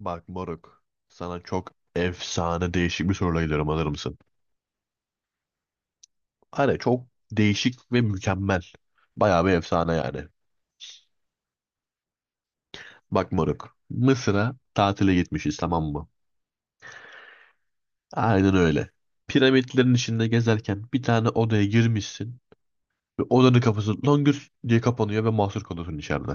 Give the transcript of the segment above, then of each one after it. Bak moruk. Sana çok efsane değişik bir soruyla geliyorum, alır mısın? Hani çok değişik ve mükemmel. Bayağı bir efsane yani. Bak moruk. Mısır'a tatile gitmişiz, tamam mı? Aynen öyle. Piramitlerin içinde gezerken bir tane odaya girmişsin. Ve odanın kapısı longür diye kapanıyor ve mahsur kalıyorsun içeride.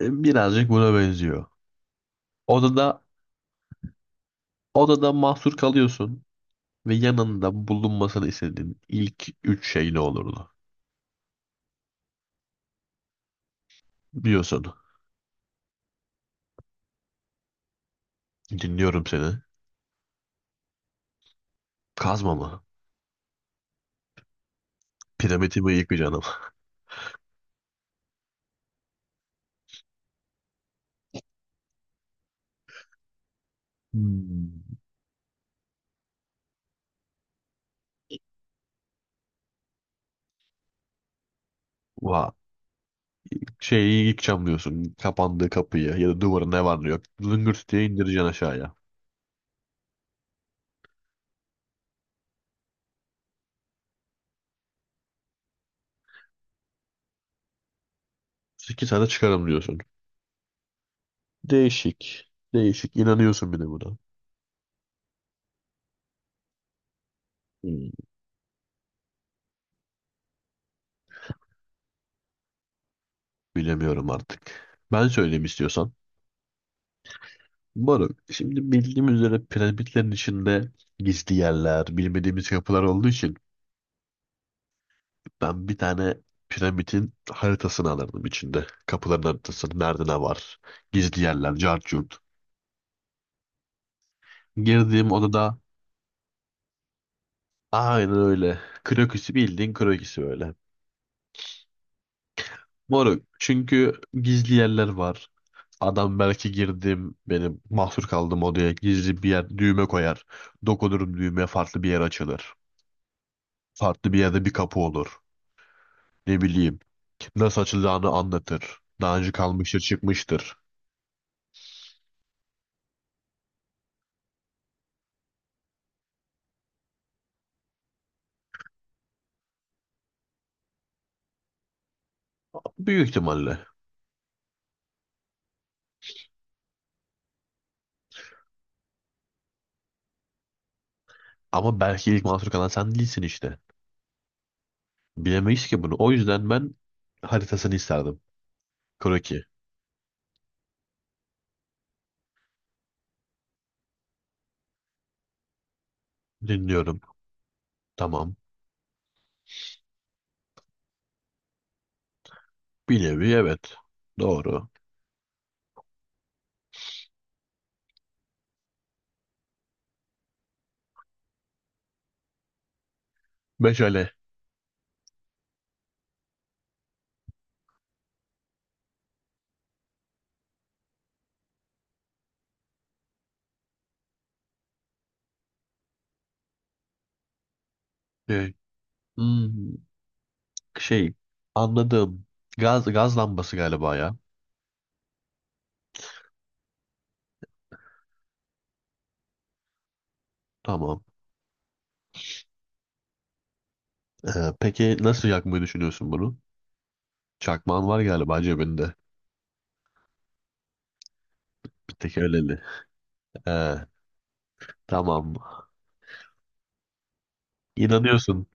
E, birazcık buna benziyor. Odada odada mahsur kalıyorsun ve yanında bulunmasını istediğin ilk üç şey ne olurdu? Biliyorsun. Dinliyorum seni. Kazma mı? Piramitimi yıkacağım. Hmm. Va şeyi yıkacağım diyorsun. Kapandığı kapıyı ya da duvarı, ne var ne yok, zıngırt diye indireceksin aşağıya. İki tane çıkarım diyorsun. Değişik. Değişik. İnanıyorsun bir de buna. Hmm. Bilemiyorum artık. Ben söyleyeyim istiyorsan. Baruk, şimdi bildiğim üzere piramitlerin içinde gizli yerler, bilmediğimiz kapılar olduğu için ben bir tane piramidin haritasını alırdım içinde. Kapıların haritasını. Nerede ne var? Gizli yerler, cart curt. Girdiğim odada, aynen öyle. Kroküsü, bildiğin kroküsü böyle. Moruk. Çünkü gizli yerler var. Adam belki girdim benim mahsur kaldığım odaya gizli bir yer düğme koyar. Dokunurum düğmeye, farklı bir yer açılır. Farklı bir yerde bir kapı olur. Ne bileyim, nasıl açılacağını anlatır. Daha önce kalmıştır, çıkmıştır. Büyük ihtimalle. Ama belki ilk mahsur kalan sen değilsin işte. Bilemeyiz ki bunu. O yüzden ben haritasını isterdim. Kroki. Dinliyorum. Tamam. Bir nevi evet. Doğru. Meşale. Ee, hmm, şey. Anladım. Gaz lambası galiba ya. Tamam. Ee, peki nasıl yakmayı düşünüyorsun bunu? Çakmağın var galiba cebinde. Bir tek öyleli. Ee, tamam. İnanıyorsun.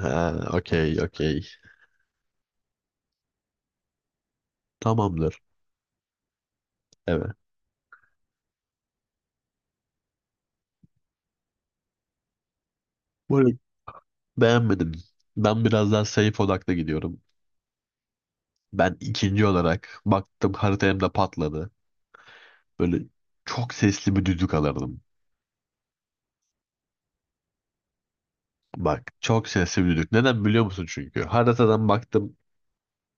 Ha, okey, okey. Tamamdır. Evet. Bu Beğenmedim. Ben biraz daha safe odaklı gidiyorum. Ben ikinci olarak baktım, harita hem patladı. Böyle çok sesli bir düdük alırdım. Bak, çok sesli bir düdük. Neden biliyor musun çünkü? Haritadan baktım,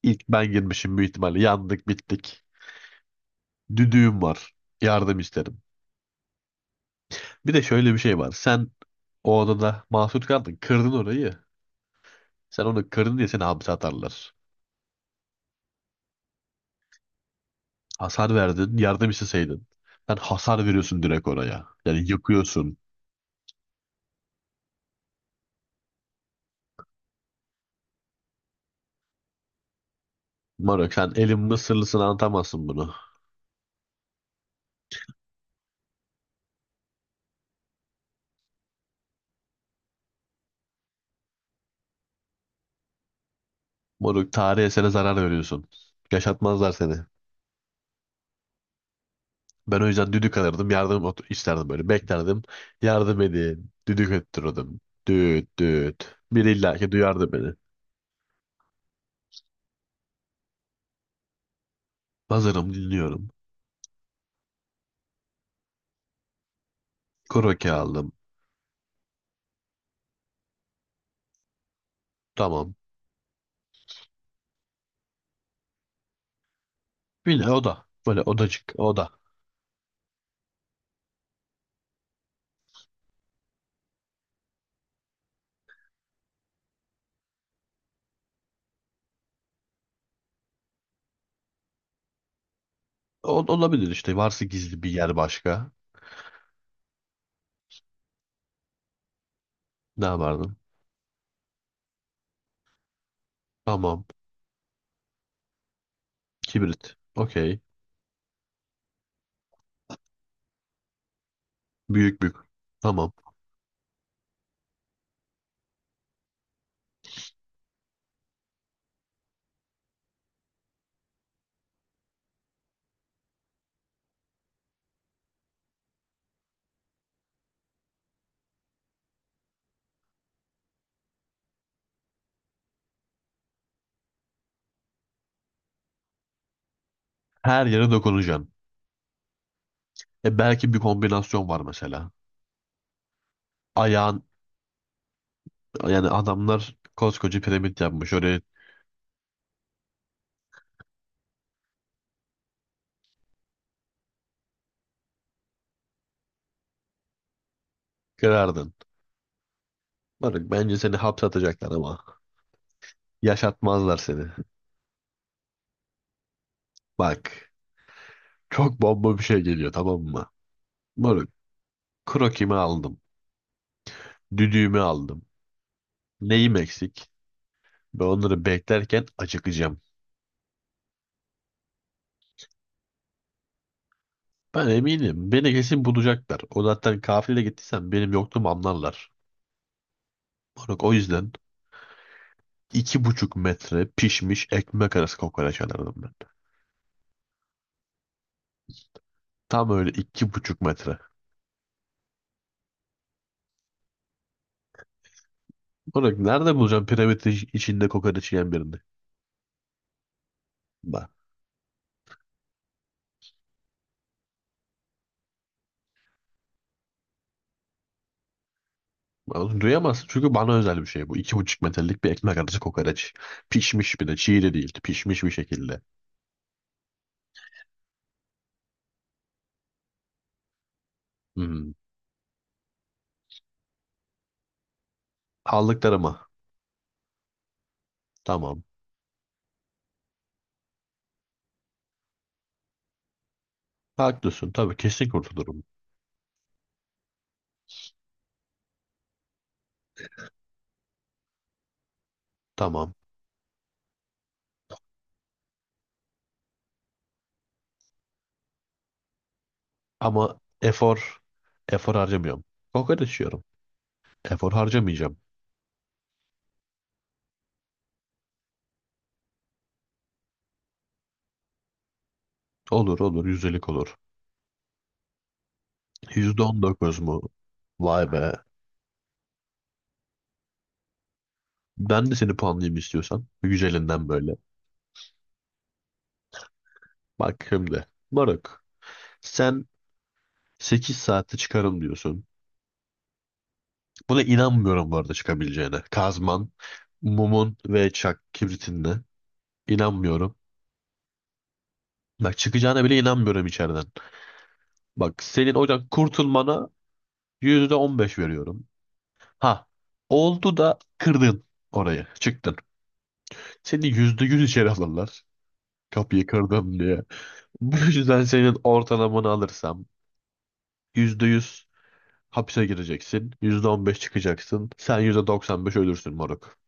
ilk ben girmişim, büyük ihtimalle yandık bittik. Düdüğüm var. Yardım isterim. Bir de şöyle bir şey var. Sen o odada mahsur kaldın. Kırdın orayı. Sen onu kırdın diye seni hapse atarlar. Hasar verdin. Yardım isteseydin. Sen hasar veriyorsun direkt oraya. Yani yıkıyorsun. Moruk, sen elin Mısırlısını anlatamazsın bunu. Moruk, tarihe, eserine zarar veriyorsun. Yaşatmazlar seni. Ben o yüzden düdük alırdım. İsterdim böyle. Beklerdim. Yardım edin. Düdük öttürürdüm. Düt düt. Biri illaki duyardı beni. Hazırım, dinliyorum. Kroki aldım. Tamam. Bir de oda. Böyle odacık. Oda. Olabilir işte. Varsa gizli bir yer başka. Ne yapardım? Tamam. Kibrit. Okey. Büyük büyük. Tamam. Her yere dokunacaksın. E belki bir kombinasyon var mesela. Ayağın yani adamlar koskoca piramit yapmış oraya, kırardın. Bak bence seni hapse atacaklar ama yaşatmazlar seni. Bak, çok bomba bir şey geliyor, tamam mı? Moruk, krokimi aldım. Düdüğümü aldım. Neyim eksik? Ben onları beklerken acıkacağım. Ben eminim, beni kesin bulacaklar. O zaten, kafile gittiysen benim yokluğumu anlarlar. Moruk, o yüzden 2,5 metre pişmiş ekmek arası kokoreç alırdım ben. Tam öyle, 2,5 metre. Oğlum, nerede bulacağım piramit içinde kokoreç yiyen birini? Bak. Oğlum, duyamazsın çünkü bana özel bir şey bu. 2,5 metrelik bir ekmek arası kokoreç. Pişmiş, bir de çiğ de değil, pişmiş bir şekilde. Hmm. Aldıklarıma. Tamam. Haklısın. Tabii kesin kurtulurum. Tamam. Ama efor harcamıyorum. Kokoreç yiyorum. Efor harcamayacağım. Olur olur. Yüzdelik olur. %19 mu? Vay be. Ben de seni puanlayayım istiyorsan. Güzelinden böyle. Bak şimdi. Moruk. Sen 8 saatte çıkarım diyorsun. Buna inanmıyorum bu arada, çıkabileceğine. Kazman, mumun ve çak kibritinle. İnanmıyorum. Bak, çıkacağına bile inanmıyorum içeriden. Bak, senin oradan kurtulmana %15 veriyorum. Ha, oldu da kırdın orayı. Çıktın. Seni %100 içeri alırlar. Kapıyı kırdım diye. Bu yüzden senin ortalamanı alırsam %100 hapse gireceksin. %15 çıkacaksın. Sen %95 ölürsün moruk.